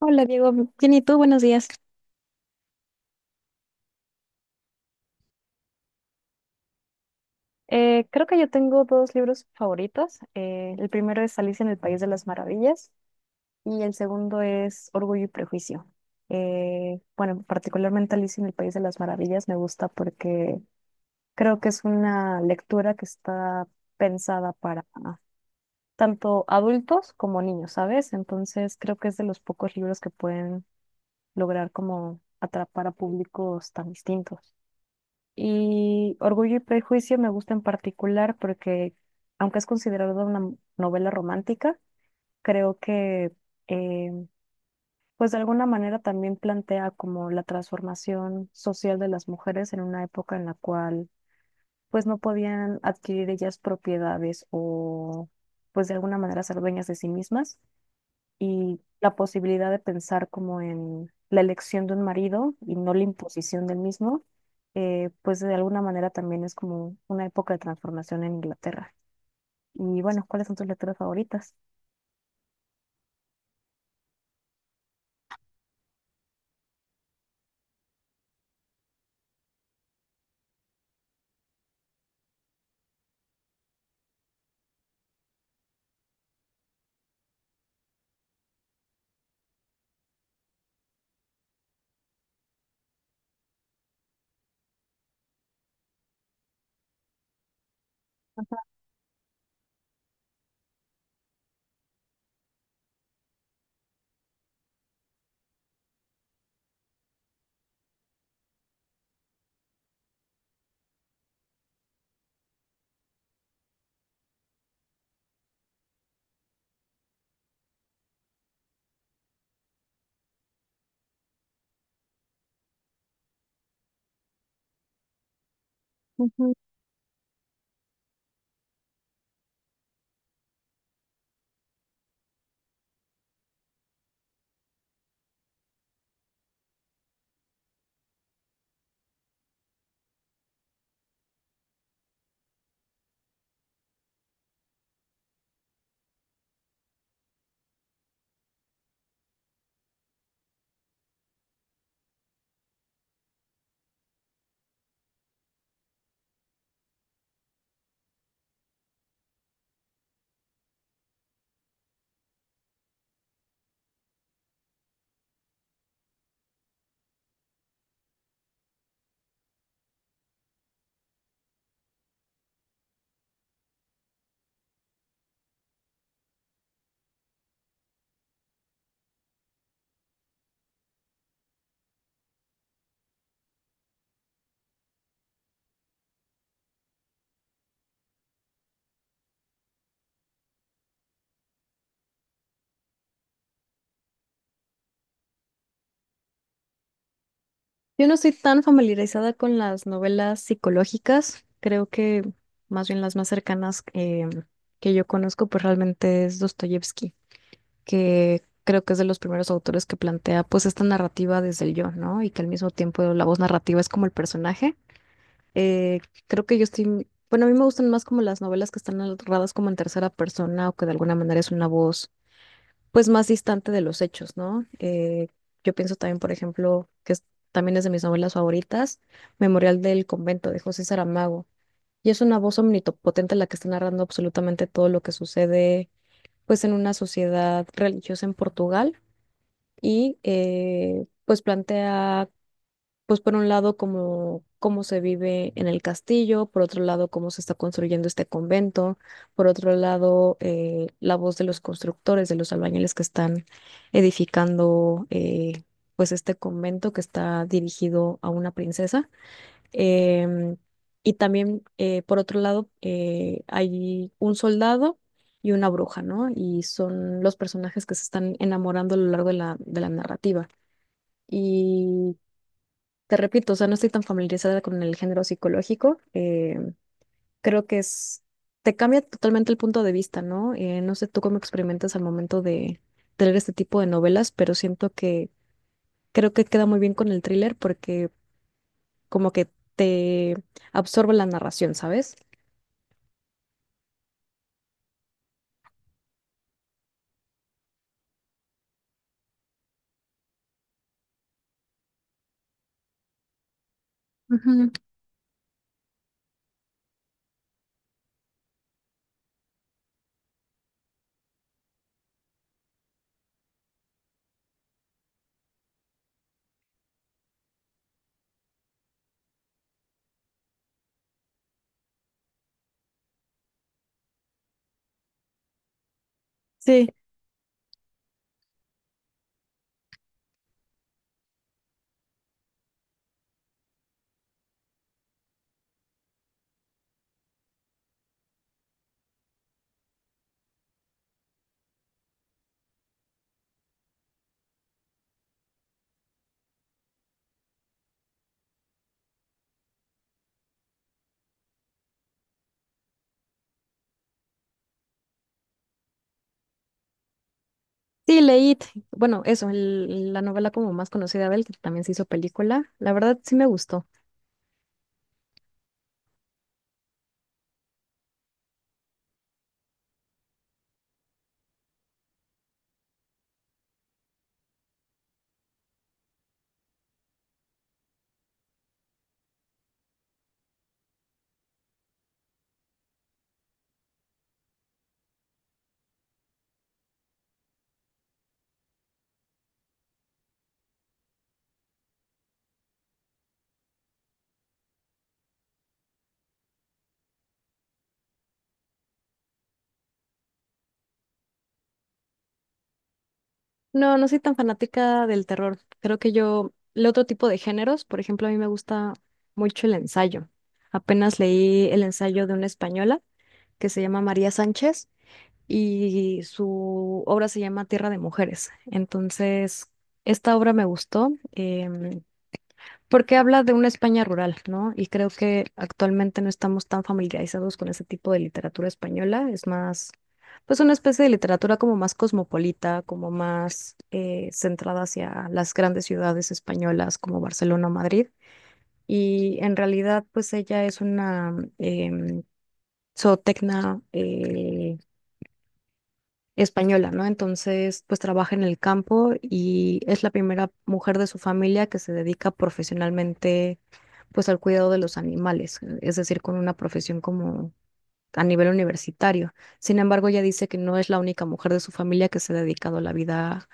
Hola Diego, bien y tú, buenos días. Creo que yo tengo dos libros favoritos. El primero es Alicia en el País de las Maravillas y el segundo es Orgullo y Prejuicio. Bueno, particularmente Alicia en el País de las Maravillas me gusta porque creo que es una lectura que está pensada para tanto adultos como niños, ¿sabes? Entonces creo que es de los pocos libros que pueden lograr como atrapar a públicos tan distintos. Y Orgullo y Prejuicio me gusta en particular porque, aunque es considerada una novela romántica, creo que, eh, pues de alguna manera también plantea como la transformación social de las mujeres en una época en la cual, pues no podían adquirir ellas propiedades o, pues de alguna manera ser dueñas de sí mismas y la posibilidad de pensar como en la elección de un marido y no la imposición del mismo, pues de alguna manera también es como una época de transformación en Inglaterra. Y bueno, ¿cuáles son tus lecturas favoritas? Ujú. Yo no estoy tan familiarizada con las novelas psicológicas, creo que más bien las más cercanas que yo conozco, pues realmente es Dostoyevsky, que creo que es de los primeros autores que plantea pues esta narrativa desde el yo, ¿no? Y que al mismo tiempo la voz narrativa es como el personaje. Eh, Creo que yo estoy, bueno, a mí me gustan más como las novelas que están narradas como en tercera persona o que de alguna manera es una voz pues más distante de los hechos, ¿no? Yo pienso también, por ejemplo, también es de mis novelas favoritas, Memorial del Convento de José Saramago. Y es una voz omnipotente la que está narrando absolutamente todo lo que sucede pues en una sociedad religiosa en Portugal y pues plantea pues por un lado cómo, cómo se vive en el castillo, por otro lado cómo se está construyendo este convento, por otro lado la voz de los constructores, de los albañiles que están edificando pues este convento que está dirigido a una princesa. Em, y también por otro lado hay un soldado y una bruja, ¿no? Y son los personajes que se están enamorando a lo largo de de la narrativa. Y te repito, o sea, no estoy tan familiarizada con el género psicológico. Creo que es, te cambia totalmente el punto de vista, ¿no? No sé tú cómo experimentas al momento de leer este tipo de novelas, pero siento que creo que queda muy bien con el thriller porque como que te absorbe la narración, ¿sabes? Ujú. Sí. Sí, leí, bueno, eso, la novela como más conocida de él, que también se hizo película. La verdad sí me gustó. No, no soy tan fanática del terror. Creo que yo, el otro tipo de géneros, por ejemplo, a mí me gusta mucho el ensayo. Apenas leí el ensayo de una española que se llama María Sánchez y su obra se llama Tierra de Mujeres. Entonces, esta obra me gustó. Porque habla de una España rural, ¿no? Y creo que actualmente no estamos tan familiarizados con ese tipo de literatura española, es más, pues una especie de literatura como más cosmopolita, como más centrada hacia las grandes ciudades españolas como Barcelona o Madrid. Y en realidad, pues ella es una zootecna española, ¿no? Entonces, pues trabaja en el campo y es la primera mujer de su familia que se dedica profesionalmente pues al cuidado de los animales, es decir, con una profesión como a nivel universitario. Sin embargo, ella dice que no es la única mujer de su familia que se ha dedicado a la vida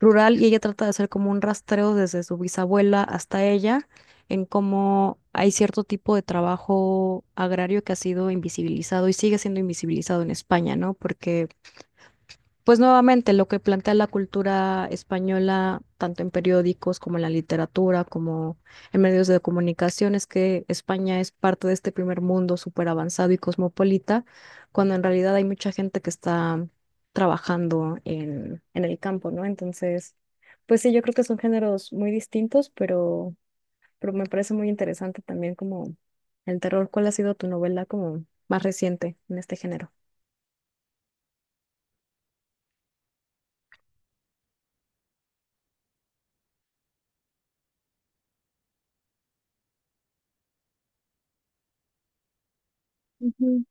rural y ella trata de hacer como un rastreo desde su bisabuela hasta ella en cómo hay cierto tipo de trabajo agrario que ha sido invisibilizado y sigue siendo invisibilizado en España, ¿no? Porque pues nuevamente lo que plantea la cultura española, tanto en periódicos como en la literatura, como en medios de comunicación, es que España es parte de este primer mundo súper avanzado y cosmopolita, cuando en realidad hay mucha gente que está trabajando en el campo, ¿no? Entonces, pues sí, yo creo que son géneros muy distintos, pero me parece muy interesante también como el terror. ¿Cuál ha sido tu novela como más reciente en este género? Ujú.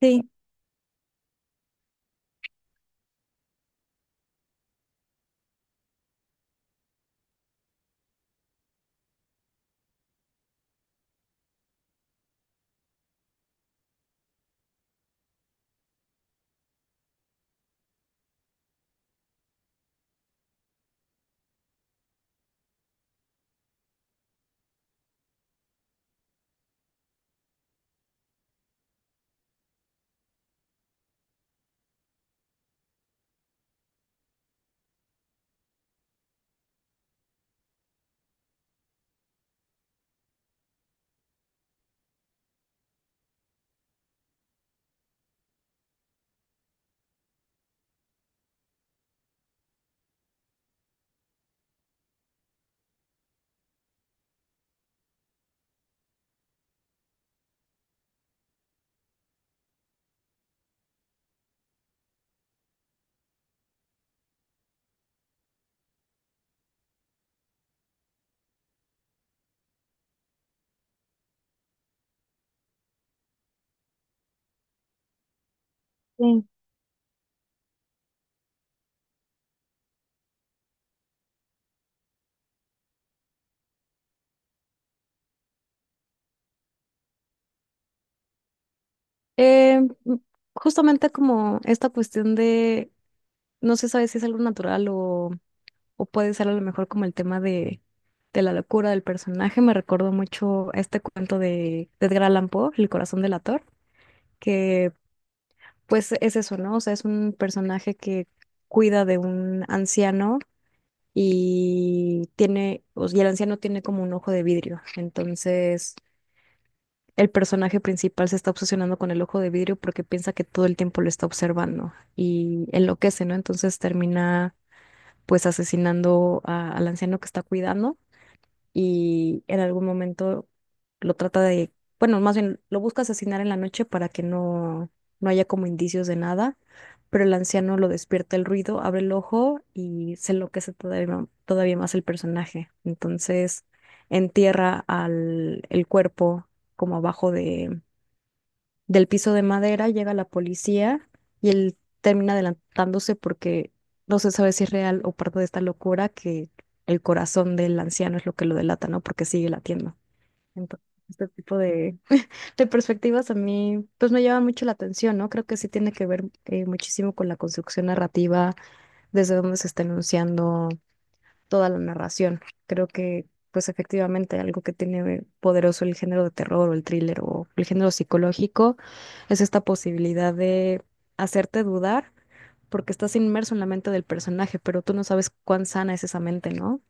Sí, sí. Eh, m- Justamente como esta cuestión de, no se sabe si es algo natural o puede ser a lo mejor como el tema de la locura del personaje, me recordó mucho a este cuento de Edgar Allan Poe, El corazón del ator, que pues es eso, ¿no? O sea, es un personaje que cuida de un anciano y tiene, o sea, y el anciano tiene como un ojo de vidrio, entonces el personaje principal se está obsesionando con el ojo de vidrio porque piensa que todo el tiempo lo está observando y enloquece, ¿no? Entonces termina pues al anciano que está cuidando y en algún momento lo trata de, bueno, más bien lo busca asesinar en la noche para que no, no haya como indicios de nada, pero el anciano lo despierta el ruido, abre el ojo y se enloquece todavía, todavía más el personaje. Entonces entierra al, el cuerpo como abajo de, del piso de madera, llega la policía y él termina adelantándose porque no se sabe si es real o parte de esta locura que el corazón del anciano es lo que lo delata, ¿no? Porque sigue latiendo. Entonces, este tipo de perspectivas a mí, pues me llama mucho la atención, ¿no? Creo que sí tiene que ver muchísimo con la construcción narrativa, desde dónde se está enunciando, toda la narración. Creo que, pues efectivamente, algo que tiene poderoso el género de terror o el thriller o el género psicológico es esta posibilidad de hacerte dudar porque estás inmerso en la mente del personaje, pero tú no sabes cuán sana es esa mente, ¿no?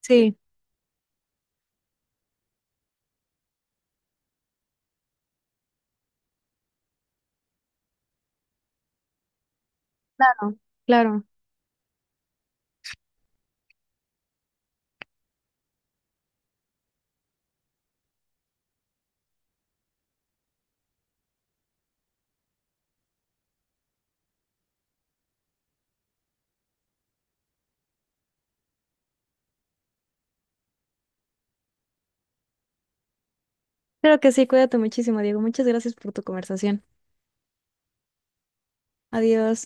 Sí. Claro, claro. Claro que sí, cuídate muchísimo, Diego. Muchas gracias por tu conversación. Adiós.